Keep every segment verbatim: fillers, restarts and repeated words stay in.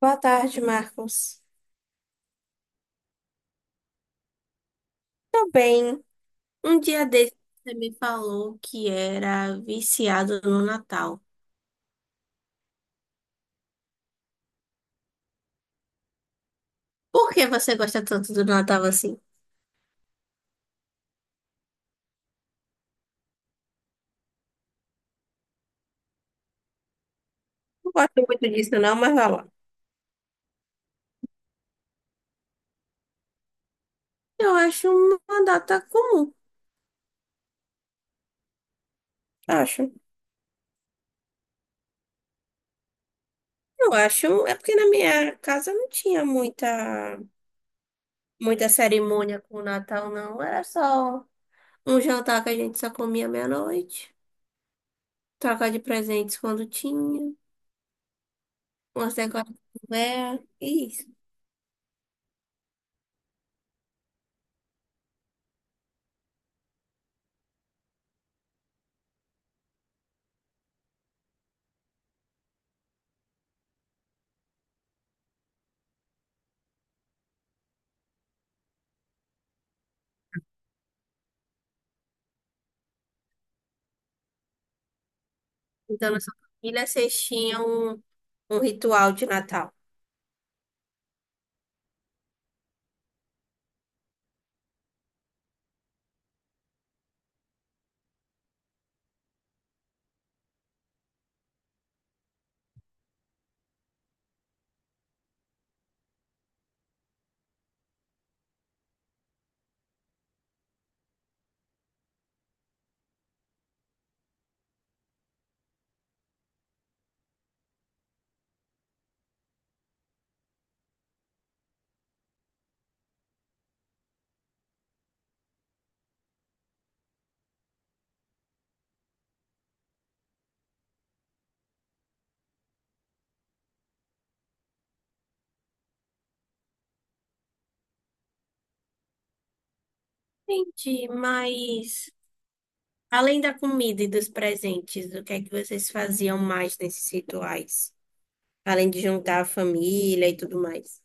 Boa tarde, Marcos. Tô bem. Um dia desse você me falou que era viciado no Natal. Por que você gosta tanto do Natal assim? Não gosto muito disso, não, mas vai lá. Eu acho uma data comum. Acho. Eu acho. É porque na minha casa não tinha muita, muita cerimônia com o Natal, não. Era só um jantar que a gente só comia meia-noite. Troca de presentes quando tinha. Umas decorações. É. Então, na sua família, vocês tinham um ritual de Natal. Entendi, mas além da comida e dos presentes, o que é que vocês faziam mais nesses rituais? Além de juntar a família e tudo mais.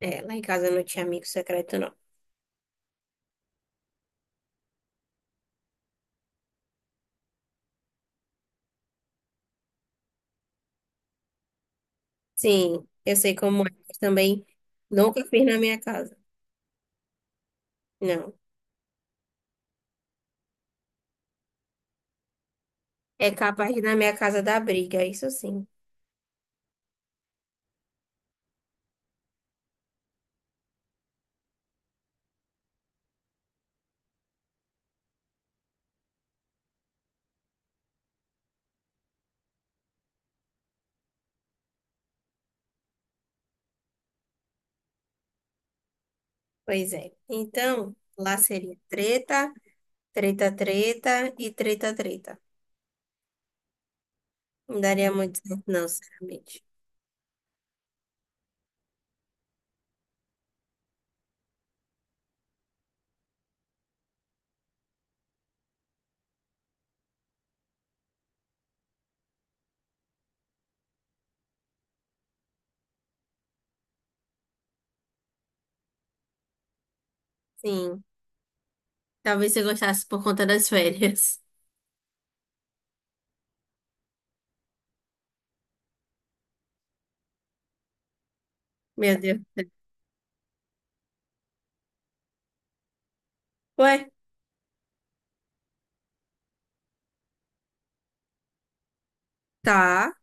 É, lá em casa não tinha amigo secreto, não. Sim, eu sei como é, mas também nunca fiz na minha casa. Não. É capaz de na minha casa dar briga, isso sim. Pois é. Então, lá seria treta, treta, treta e treta, treta. Não daria muito certo, não, sinceramente. Sim. Talvez você gostasse por conta das férias. Meu Deus do céu. Ué? Tá.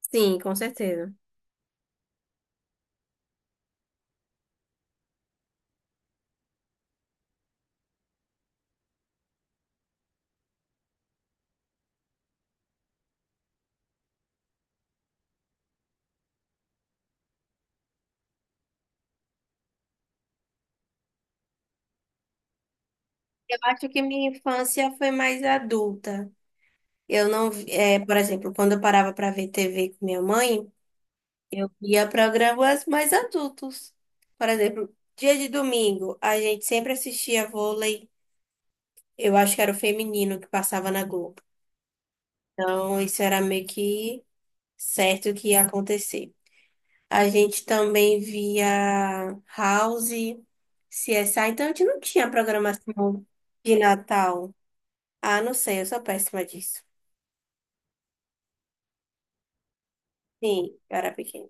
Sim, com certeza. Eu acho que minha infância foi mais adulta. Eu não, vi- é, Por exemplo, quando eu parava para ver T V com minha mãe, eu via programas mais adultos. Por exemplo, dia de domingo, a gente sempre assistia vôlei. Eu acho que era o feminino que passava na Globo. Então, isso era meio que certo que ia acontecer. A gente também via House, C S I, então a gente não tinha programação de Natal. Ah, não sei, eu sou péssima disso. Sim, eu era pequena.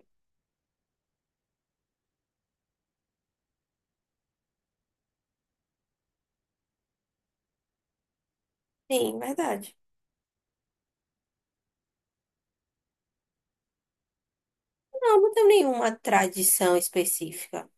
Sim, verdade. Não, não tem nenhuma tradição específica.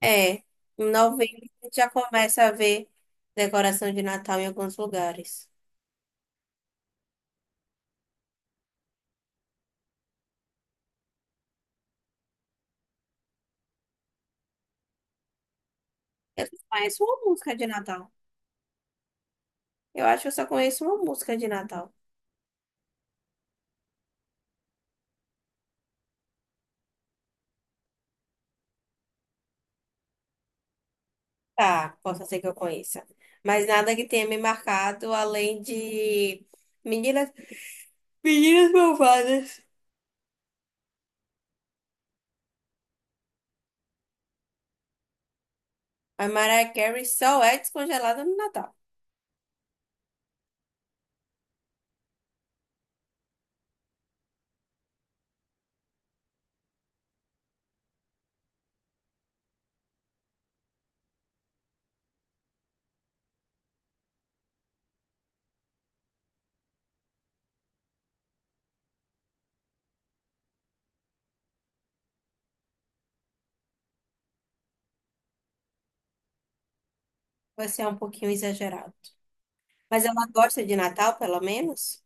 É, em novembro a gente já começa a ver decoração de Natal em alguns lugares. Eu só conheço uma música de Natal. Eu acho que eu só conheço uma música de Natal. Tá, possa ser que eu conheça. Mas nada que tenha me marcado além de Meninas, Meninas Malvadas. A Mariah Carey só é descongelada no Natal. Vai ser um pouquinho exagerado. Mas ela gosta de Natal, pelo menos?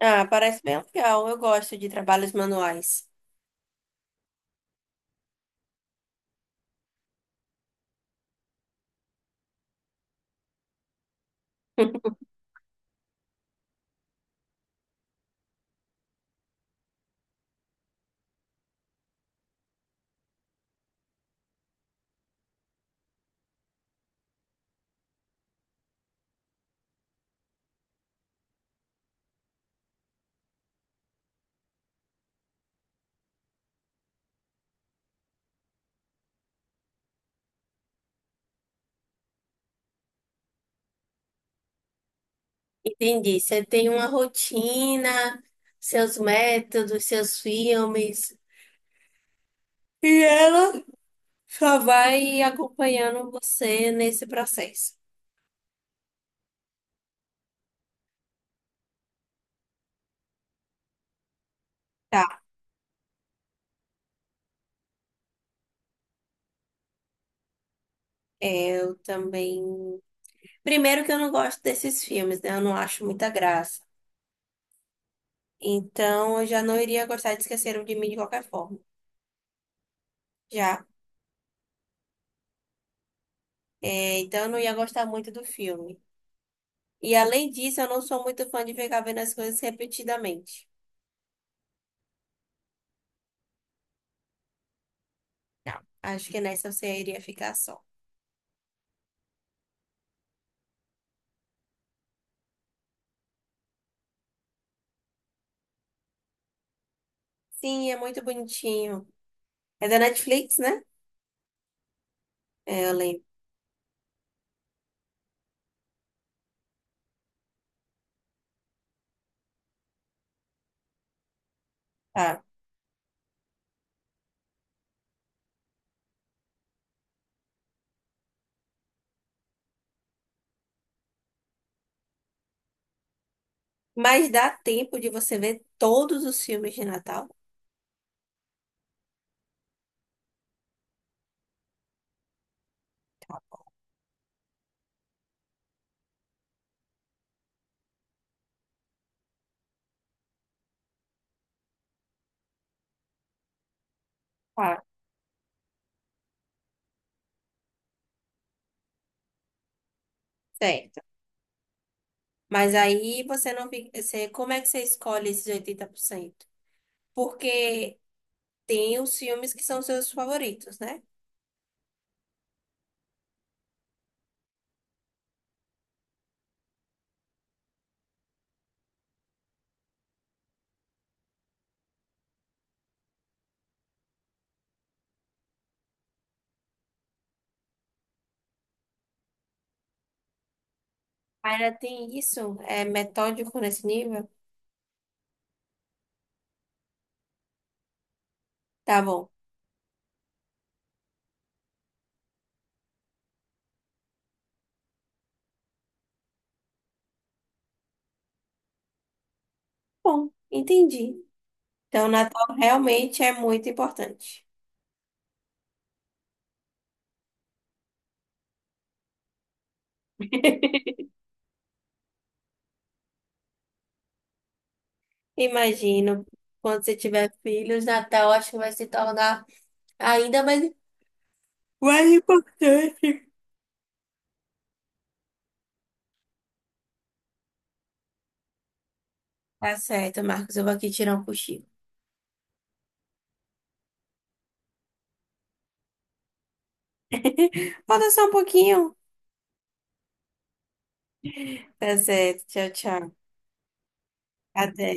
Ah, parece bem legal. Eu gosto de trabalhos manuais. Entendi. Você tem uma rotina, seus métodos, seus filmes. E ela só vai acompanhando você nesse processo. Tá. É, eu também. Primeiro que eu não gosto desses filmes, né? Eu não acho muita graça. Então eu já não iria gostar de Esqueceram de Mim de qualquer forma. Já. É, então eu não ia gostar muito do filme. E além disso, eu não sou muito fã de ficar vendo as coisas repetidamente. Não. Acho que nessa você iria ficar só. Sim, é muito bonitinho. É da Netflix, né? É, eu lembro. Tá. Mas dá tempo de você ver todos os filmes de Natal? Tá. Certo. Mas aí você não fica. Você, como é que você escolhe esses oitenta por cento? Porque tem os filmes que são seus favoritos, né? Ainda tem isso? É metódico nesse nível? Tá bom. Bom, entendi. Então, o Natal realmente é muito importante. Imagino, quando você tiver filhos, Natal acho que vai se tornar ainda mais, mais importante. Tá certo, Marcos. Eu vou aqui tirar um cochilo. Vou dançar um pouquinho. Tá certo. Tchau, tchau. Até.